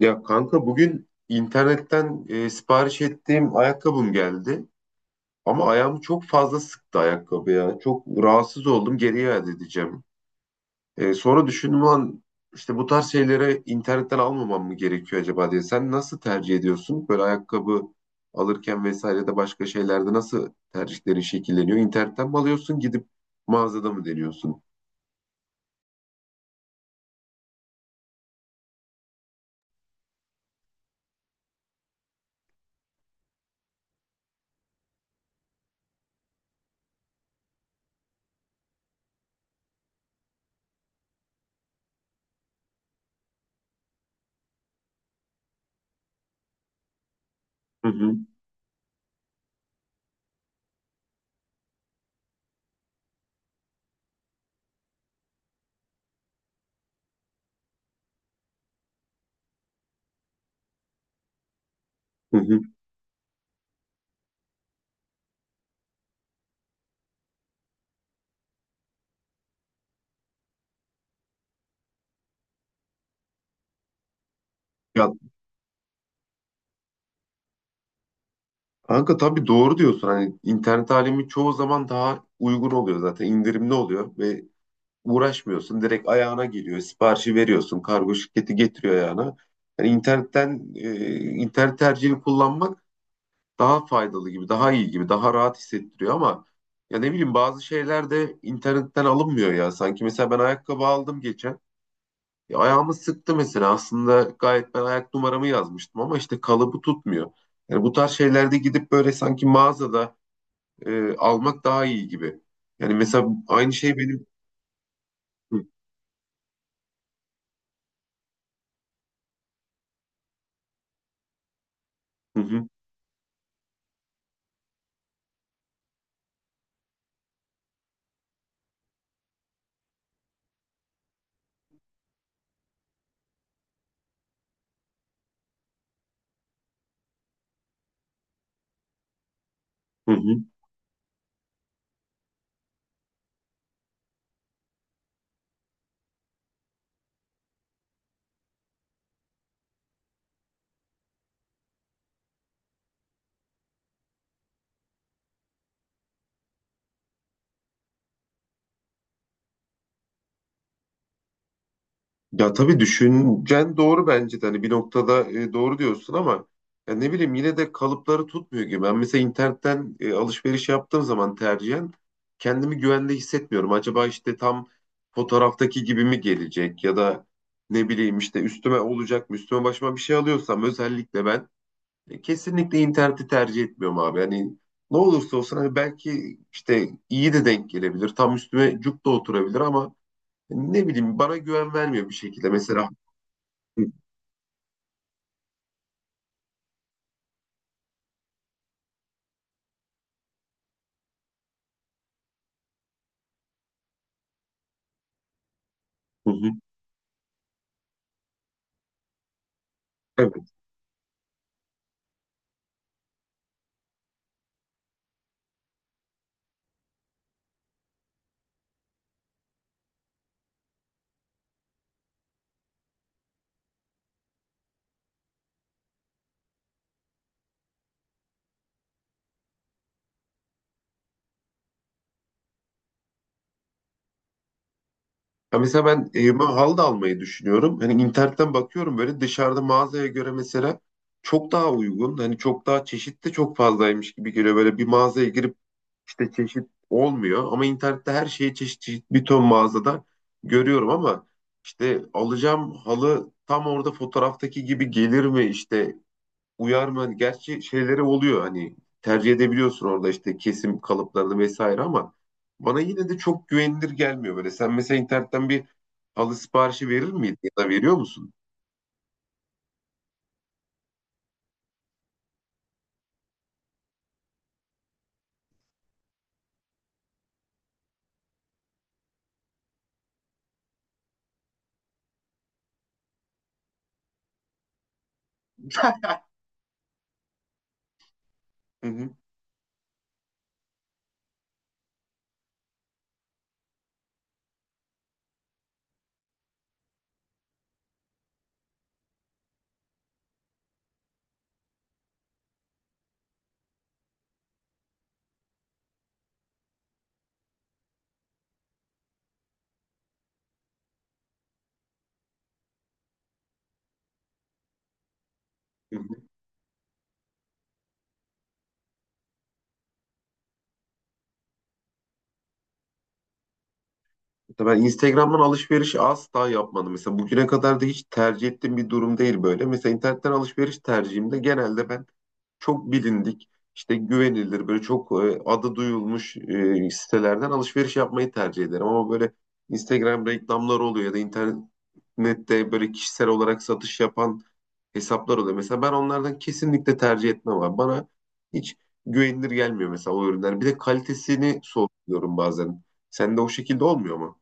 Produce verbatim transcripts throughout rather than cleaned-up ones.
Ya kanka bugün internetten e, sipariş ettiğim ayakkabım geldi. Ama ayağımı çok fazla sıktı ayakkabı ya. Çok rahatsız oldum, geri iade edeceğim. E, sonra düşündüm lan, işte bu tarz şeyleri internetten almamam mı gerekiyor acaba diye. Sen nasıl tercih ediyorsun? Böyle ayakkabı alırken vesaire de başka şeylerde nasıl tercihlerin şekilleniyor? İnternetten mi alıyorsun, gidip mağazada mı deniyorsun? Hı hı, hı hı. Ya kanka, tabii doğru diyorsun. Hani internet alemi çoğu zaman daha uygun oluyor, zaten indirimli oluyor ve uğraşmıyorsun. Direkt ayağına geliyor. Siparişi veriyorsun, kargo şirketi getiriyor ayağına. Yani internetten e, internet tercihini kullanmak daha faydalı gibi, daha iyi gibi, daha rahat hissettiriyor ama ya ne bileyim, bazı şeyler de internetten alınmıyor ya. Sanki mesela ben ayakkabı aldım geçen. Ya ayağımı sıktı mesela. Aslında gayet ben ayak numaramı yazmıştım ama işte kalıbı tutmuyor. Yani bu tarz şeylerde gidip böyle sanki mağazada e, almak daha iyi gibi. Yani mesela aynı şey benim. Hı, hı, hı, hı, hı. Ya tabii düşüncen doğru bence de. Hani bir noktada e, doğru diyorsun ama ya ne bileyim, yine de kalıpları tutmuyor gibi. Ben mesela internetten e, alışveriş yaptığım zaman tercihen kendimi güvende hissetmiyorum. Acaba işte tam fotoğraftaki gibi mi gelecek ya da ne bileyim, işte üstüme olacak mı? Üstüme başıma bir şey alıyorsam özellikle ben, E, kesinlikle interneti tercih etmiyorum abi. Yani ne olursa olsun, hani belki işte iyi de denk gelebilir. Tam üstüme cuk da oturabilir ama ne bileyim, bana güven vermiyor bir şekilde. Mesela hı hı. Evet. Ya mesela ben evime halı da almayı düşünüyorum. Hani internetten bakıyorum, böyle dışarıda mağazaya göre mesela çok daha uygun. Hani çok daha çeşit de çok fazlaymış gibi geliyor. Böyle bir mağazaya girip işte çeşit olmuyor ama internette her şeyi çeşit çeşit bir ton mağazada görüyorum ama işte alacağım halı tam orada fotoğraftaki gibi gelir mi, işte uyar mı? Hani gerçi şeyleri oluyor, hani tercih edebiliyorsun orada işte kesim kalıplarını vesaire ama bana yine de çok güvenilir gelmiyor böyle. Sen mesela internetten bir halı siparişi verir miydin ya da veriyor musun? Hı hı. Mesela ben Instagram'dan alışveriş asla yapmadım. Mesela bugüne kadar da hiç tercih ettiğim bir durum değil böyle. Mesela internetten alışveriş tercihimde genelde ben çok bilindik, işte güvenilir, böyle çok e, adı duyulmuş e, sitelerden alışveriş yapmayı tercih ederim. Ama böyle Instagram reklamları oluyor ya da internette böyle kişisel olarak satış yapan hesaplar oluyor. Mesela ben onlardan kesinlikle tercih etmem abi. Bana hiç güvenilir gelmiyor mesela o ürünler. Bir de kalitesini sorguluyorum bazen. Sende o şekilde olmuyor mu?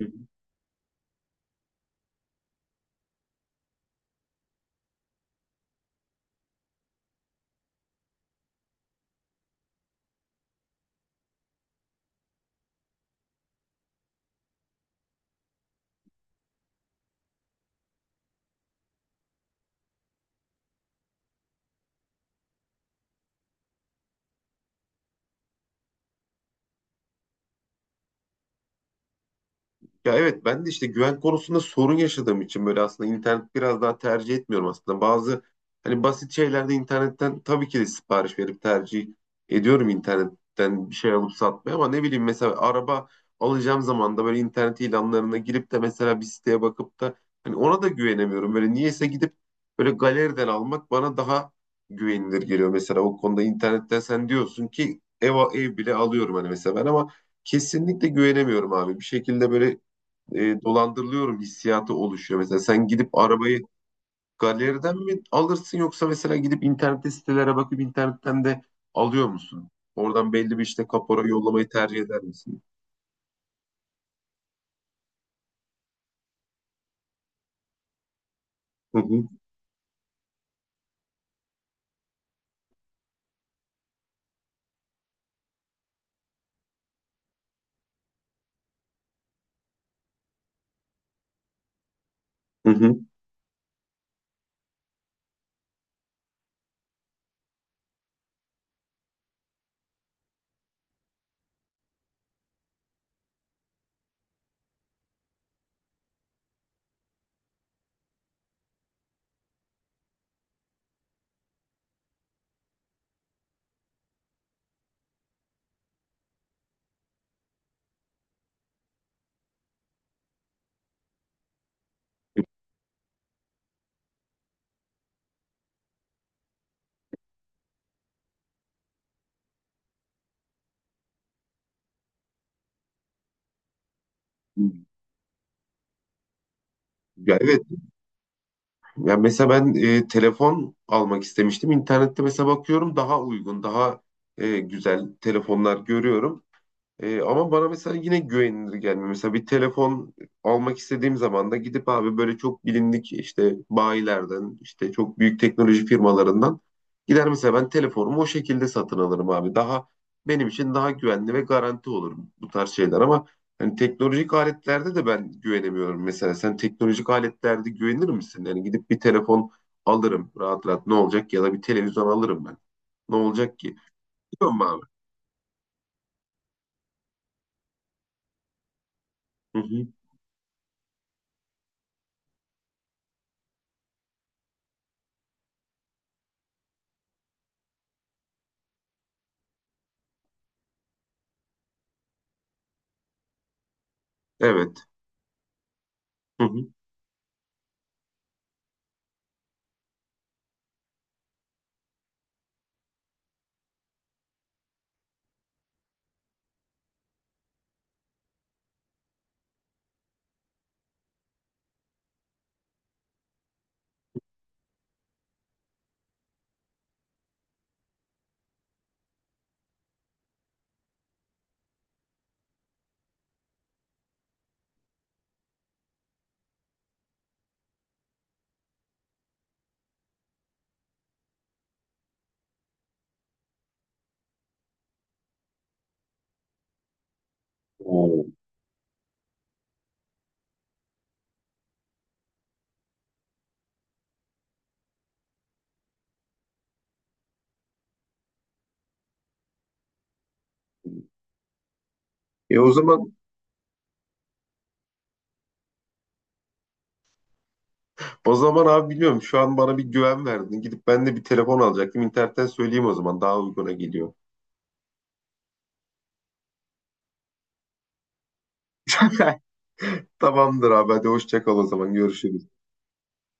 Hı hı. Ya evet, ben de işte güven konusunda sorun yaşadığım için böyle aslında internet biraz daha tercih etmiyorum aslında. Bazı hani basit şeylerde internetten tabii ki de sipariş verip tercih ediyorum, internetten bir şey alıp satmayı, ama ne bileyim mesela araba alacağım zaman da böyle internet ilanlarına girip de mesela bir siteye bakıp da hani ona da güvenemiyorum. Böyle niyeyse gidip böyle galeriden almak bana daha güvenilir geliyor. Mesela o konuda internetten sen diyorsun ki ev, ev bile alıyorum hani mesela, ben ama kesinlikle güvenemiyorum abi. Bir şekilde böyle e, dolandırılıyorum hissiyatı oluşuyor. Mesela sen gidip arabayı galeriden mi alırsın yoksa mesela gidip internette sitelere bakıp internetten de alıyor musun? Oradan belli bir işte kapora yollamayı tercih eder misin? Hı hı, hı hı. Ya evet. Ya mesela ben e, telefon almak istemiştim. İnternette mesela bakıyorum daha uygun, daha e, güzel telefonlar görüyorum. Ee, ama bana mesela yine güvenilir gelmiyor. Mesela bir telefon almak istediğim zaman da gidip abi böyle çok bilindik işte bayilerden, işte çok büyük teknoloji firmalarından gider mesela, ben telefonumu o şekilde satın alırım abi. Daha benim için daha güvenli ve garanti olur bu tarz şeyler ama hani teknolojik aletlerde de ben güvenemiyorum. Mesela sen teknolojik aletlerde güvenir misin? Yani gidip bir telefon alırım rahat rahat, ne olacak ya da bir televizyon alırım ben. Ne olacak ki? Biliyor musun abi? Hı hı. Evet. Hı hı. Oo. E o zaman o zaman abi, biliyorum şu an bana bir güven verdin. Gidip ben de bir telefon alacaktım. İnternetten söyleyeyim o zaman, daha uyguna geliyor. Tamamdır abi, hadi hoşça kal, o zaman görüşürüz.